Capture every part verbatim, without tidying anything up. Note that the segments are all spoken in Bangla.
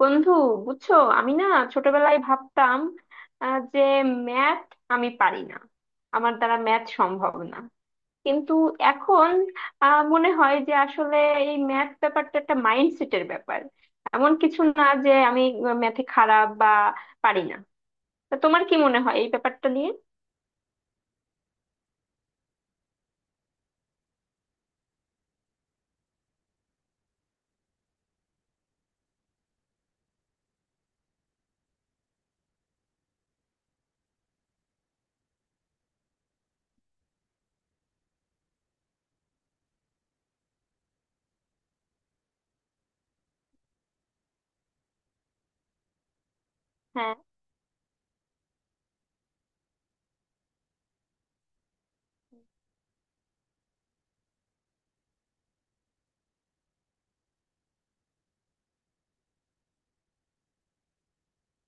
বন্ধু, বুঝছো? আমি না ছোটবেলায় ভাবতাম আহ, যে ম্যাথ আমি পারি না, আমার দ্বারা ম্যাথ সম্ভব না। কিন্তু এখন আহ, মনে হয় যে আসলে এই ম্যাথ ব্যাপারটা একটা মাইন্ডসেটের ব্যাপার, এমন কিছু না যে আমি ম্যাথে খারাপ বা পারি না। তা তোমার কি মনে হয় এই ব্যাপারটা নিয়ে? হ্যাঁ,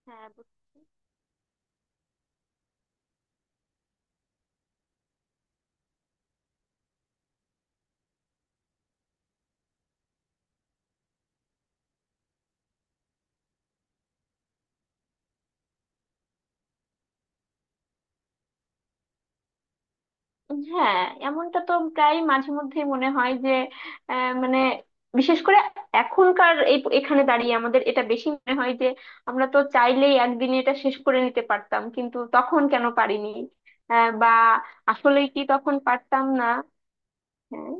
হ্যাঁ, হ্যাঁ, এমনটা তো প্রায় মাঝে মধ্যেই মনে হয় যে আহ, মানে, বিশেষ করে এখনকার এই এখানে দাঁড়িয়ে আমাদের এটা বেশি মনে হয় যে আমরা তো চাইলেই একদিনে এটা শেষ করে নিতে পারতাম, কিন্তু তখন কেন পারিনি? আহ, বা আসলে কি তখন পারতাম না? হ্যাঁ,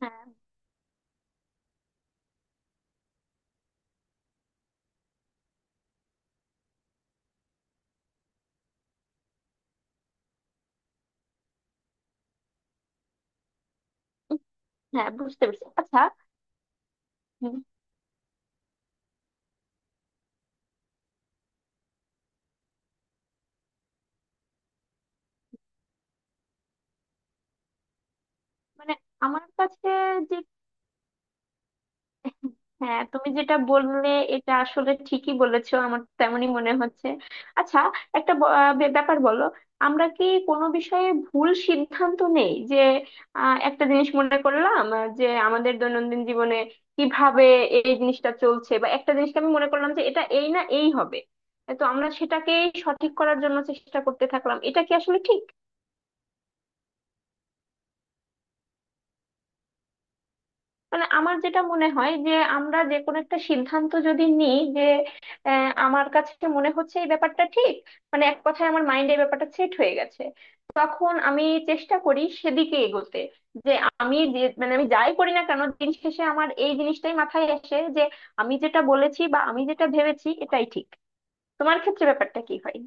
হ্যাঁ, হ্যাঁ, বুঝতে পেরেছি। আচ্ছা। উম, মানে, আমার কাছে যে হ্যাঁ, তুমি যেটা বললে এটা আসলে ঠিকই বলেছো, আমার তেমনই মনে হচ্ছে। আচ্ছা, একটা ব- আহ, বে- ব্যাপার বলো। আমরা কি কোনো বিষয়ে ভুল সিদ্ধান্ত নেই যে আহ, একটা জিনিস মনে করলাম আহ, যে আমাদের দৈনন্দিন জীবনে কিভাবে এই জিনিসটা চলছে, বা একটা জিনিসকে আমি মনে করলাম যে এটা এই না এই হবে, তো আমরা সেটাকেই সঠিক করার জন্য চেষ্টা করতে থাকলাম, এটা কি আসলে ঠিক? মানে আমার যেটা মনে হয় যে আমরা যে কোনো একটা সিদ্ধান্ত যদি নিই যে আহ, আমার কাছে মনে হচ্ছে এই ব্যাপারটা ঠিক, মানে এক কথায় আমার মাইন্ডে এই ব্যাপারটা সেট হয়ে গেছে, তখন আমি চেষ্টা করি সেদিকে এগোতে, যে আমি যে মানে আমি যাই করি না কেন দিন শেষে আমার এই জিনিসটাই মাথায় আসে যে আমি যেটা বলেছি বা আমি যেটা ভেবেছি এটাই ঠিক। তোমার ক্ষেত্রে ব্যাপারটা কি হয়?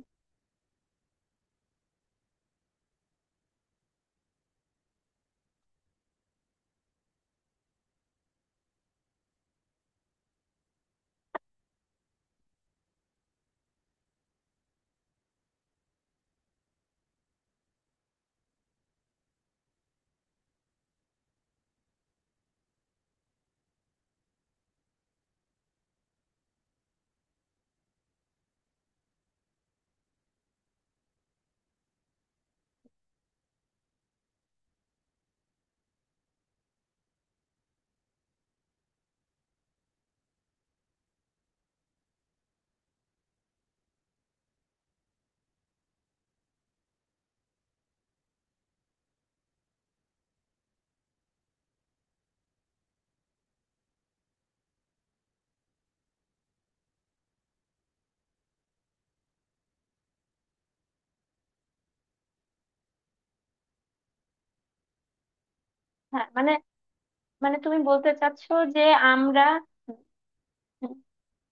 হ্যাঁ, মানে, মানে তুমি বলতে চাচ্ছো যে আমরা,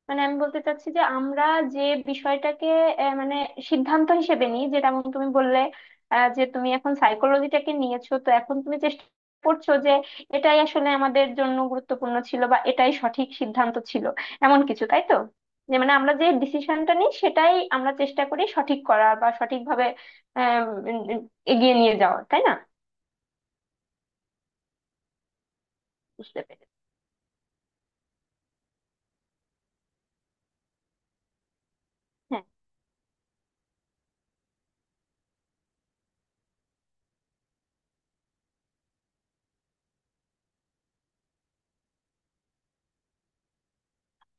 মানে আমি বলতে চাচ্ছি যে আমরা যে বিষয়টাকে আহ, মানে সিদ্ধান্ত হিসেবে নিই, যেমন তুমি বললে আহ, যে তুমি এখন সাইকোলজিটাকে নিয়েছো তো এখন তুমি চেষ্টা করছো যে এটাই আসলে আমাদের জন্য গুরুত্বপূর্ণ ছিল বা এটাই সঠিক সিদ্ধান্ত ছিল, এমন কিছু তাই তো? যে মানে আমরা যে ডিসিশনটা নিই সেটাই আমরা চেষ্টা করি সঠিক করা বা সঠিকভাবে আহ উম, উম, এগিয়ে নিয়ে যাওয়া তাই না? বুঝতে পেরেছি। হ্যাঁ,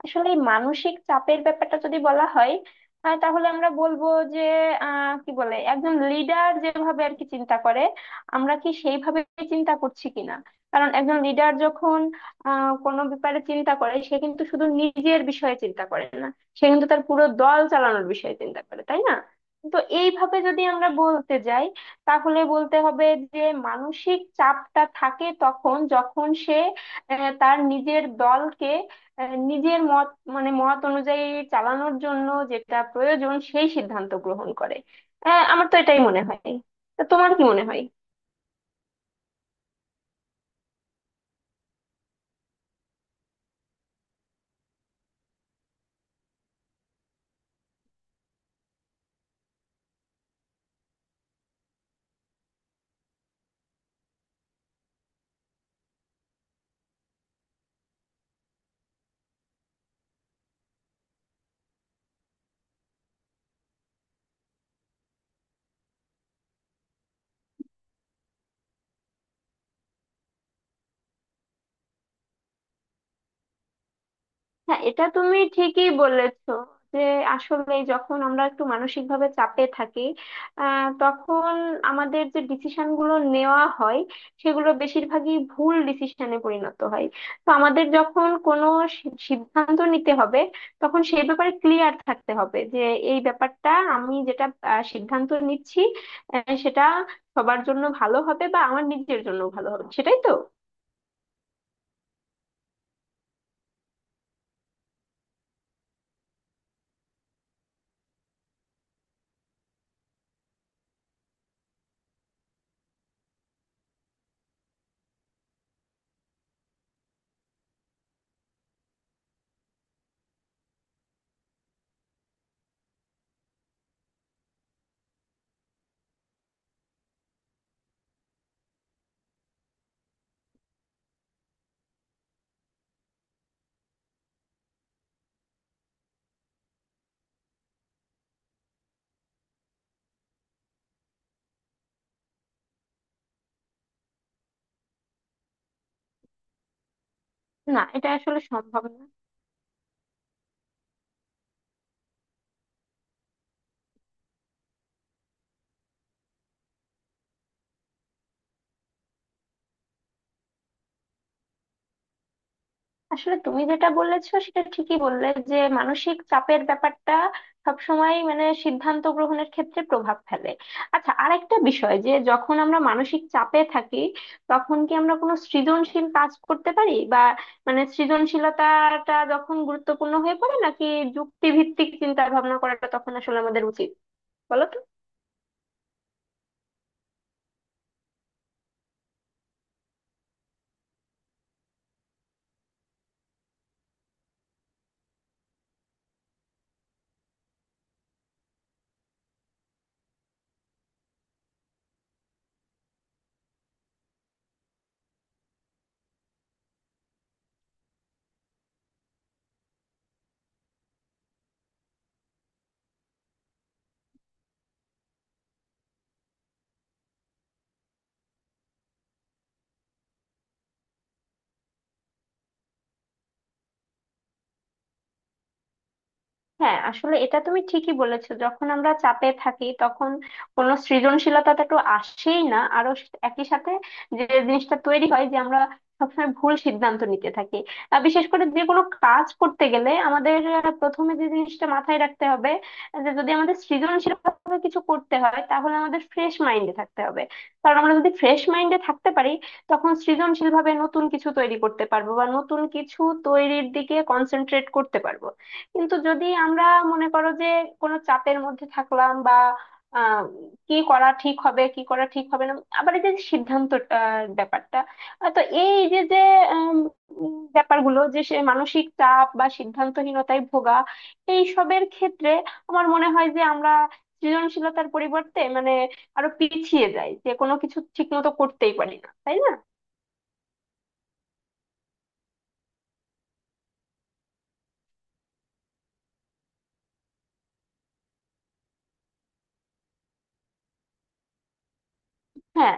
আসলে এই মানসিক চাপের ব্যাপারটা যদি বলা হয় আহ, তাহলে আমরা বলবো যে আহ কি বলে, একজন লিডার যেভাবে আর কি চিন্তা করে আমরা কি সেইভাবে চিন্তা করছি কিনা। কারণ একজন লিডার যখন আহ কোনো ব্যাপারে চিন্তা করে সে কিন্তু শুধু নিজের বিষয়ে চিন্তা করে না, সে কিন্তু তার পুরো দল চালানোর বিষয়ে চিন্তা করে তাই না? তো এইভাবে যদি আমরা বলতে যাই তাহলে বলতে হবে যে মানসিক চাপটা থাকে তখন যখন সে আহ, তার নিজের দলকে আহ, নিজের মত, মানে মত অনুযায়ী চালানোর জন্য যেটা প্রয়োজন সেই সিদ্ধান্ত গ্রহণ করে। আহ, আমার তো এটাই মনে হয়। তা তোমার কি মনে হয়? হ্যাঁ, এটা তুমি ঠিকই বলেছো যে আসলে যখন আমরা একটু মানসিক ভাবে চাপে থাকি আহ, তখন আমাদের যে ডিসিশন গুলো নেওয়া হয় সেগুলো বেশিরভাগই ভুল ডিসিশনে পরিণত হয়। তো আমাদের যখন কোনো সি- সিদ্ধান্ত নিতে হবে তখন সেই ব্যাপারে ক্লিয়ার থাকতে হবে যে এই ব্যাপারটা আমি যেটা আহ, সিদ্ধান্ত নিচ্ছি, আহ, সেটা সবার জন্য ভালো হবে বা আমার নিজের জন্য ভালো হবে, সেটাই তো। না, এটা আসলে সম্ভব না। আসলে তুমি যেটা বলেছো সেটা ঠিকই বললে যে মানসিক চাপের ব্যাপারটা সবসময় মানে সিদ্ধান্ত গ্রহণের ক্ষেত্রে প্রভাব ফেলে। আচ্ছা, আর একটা বিষয়, যে যখন আমরা মানসিক চাপে থাকি তখন কি আমরা কোনো সৃজনশীল কাজ করতে পারি, বা মানে সৃজনশীলতাটা যখন গুরুত্বপূর্ণ হয়ে পড়ে নাকি যুক্তিভিত্তিক চিন্তা ভাবনা করাটা তখন আসলে আমাদের উচিত, বলো তো? হ্যাঁ, আসলে এটা তুমি ঠিকই বলেছো, যখন আমরা চাপে থাকি তখন কোনো সৃজনশীলতাটা তো আসেই না, আরো একই সাথে যে জিনিসটা তৈরি হয় যে আমরা সবসময় ভুল সিদ্ধান্ত নিতে থাকি। আর বিশেষ করে যে কোনো কাজ করতে গেলে আমাদের আহ, প্রথমে যে জিনিসটা মাথায় রাখতে হবে যে যদি আমাদের সৃজনশীলভাবে কিছু করতে হয় তাহলে আমাদের ফ্রেশ মাইন্ডে থাকতে হবে। কারণ আমরা যদি ফ্রেশ মাইন্ডে থাকতে পারি তখন সৃজনশীলভাবে নতুন কিছু তৈরি করতে পারবো বা নতুন কিছু তৈরির দিকে কনসেন্ট্রেট করতে পারবো। কিন্তু যদি আমরা মনে করো যে কোনো চাপের মধ্যে থাকলাম, বা আহ, কি করা ঠিক হবে কি করা ঠিক হবে না, আবার এই যে সিদ্ধান্ত আহ, ব্যাপারটা, আহ, তো এই যে যে উম, উম, ব্যাপারগুলো যে সে মানসিক চাপ বা সিদ্ধান্তহীনতায় ভোগা এই সবের ক্ষেত্রে আমার মনে হয় যে আমরা সৃজনশীলতার পরিবর্তে মানে আরো পিছিয়ে যাই, যে কোনো কিছু ঠিক মতো করতেই পারি না তাই না? হ্যাঁ,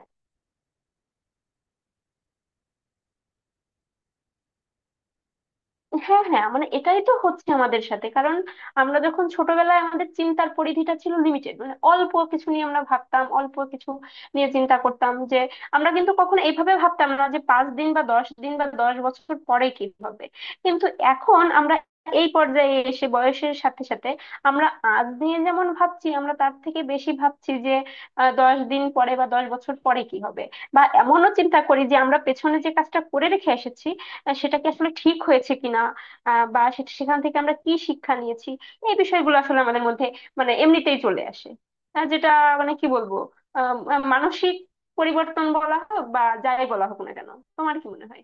হ্যাঁ, হ্যাঁ, মানে এটাই তো হচ্ছে আমাদের সাথে। কারণ আমরা যখন ছোটবেলায় আমাদের চিন্তার পরিধিটা ছিল লিমিটেড, মানে অল্প কিছু নিয়ে আমরা ভাবতাম, অল্প কিছু নিয়ে চিন্তা করতাম, যে আমরা কিন্তু কখনো এইভাবে ভাবতাম না যে পাঁচ দিন বা দশ দিন বা দশ বছর পরে কি হবে। কিন্তু এখন আমরা এই পর্যায়ে এসে বয়সের সাথে সাথে আমরা আজ নিয়ে যেমন ভাবছি আমরা তার থেকে বেশি ভাবছি যে আহ, দশ দিন পরে বা দশ বছর পরে কি হবে, বা এমনও চিন্তা করি যে আমরা পেছনে যে কাজটা করে রেখে এসেছি আহ সেটা কি আসলে ঠিক হয়েছে কিনা, আহ বা সে- সেখান থেকে আমরা কি শিক্ষা নিয়েছি, এই বিষয়গুলো আসলে আমাদের মধ্যে মানে এমনিতেই চলে আসে। আহ যেটা মানে কি বলবো, আহ মানসিক পরিবর্তন বলা হোক বা যাই বলা হোক না কেন, তোমার কি মনে হয়?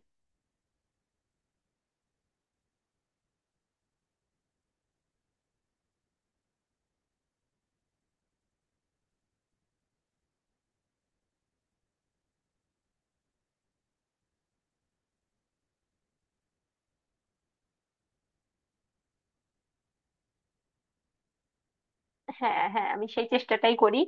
হ্যাঁ, হ্যাঁ, আমি সেই চেষ্টাটাই করি।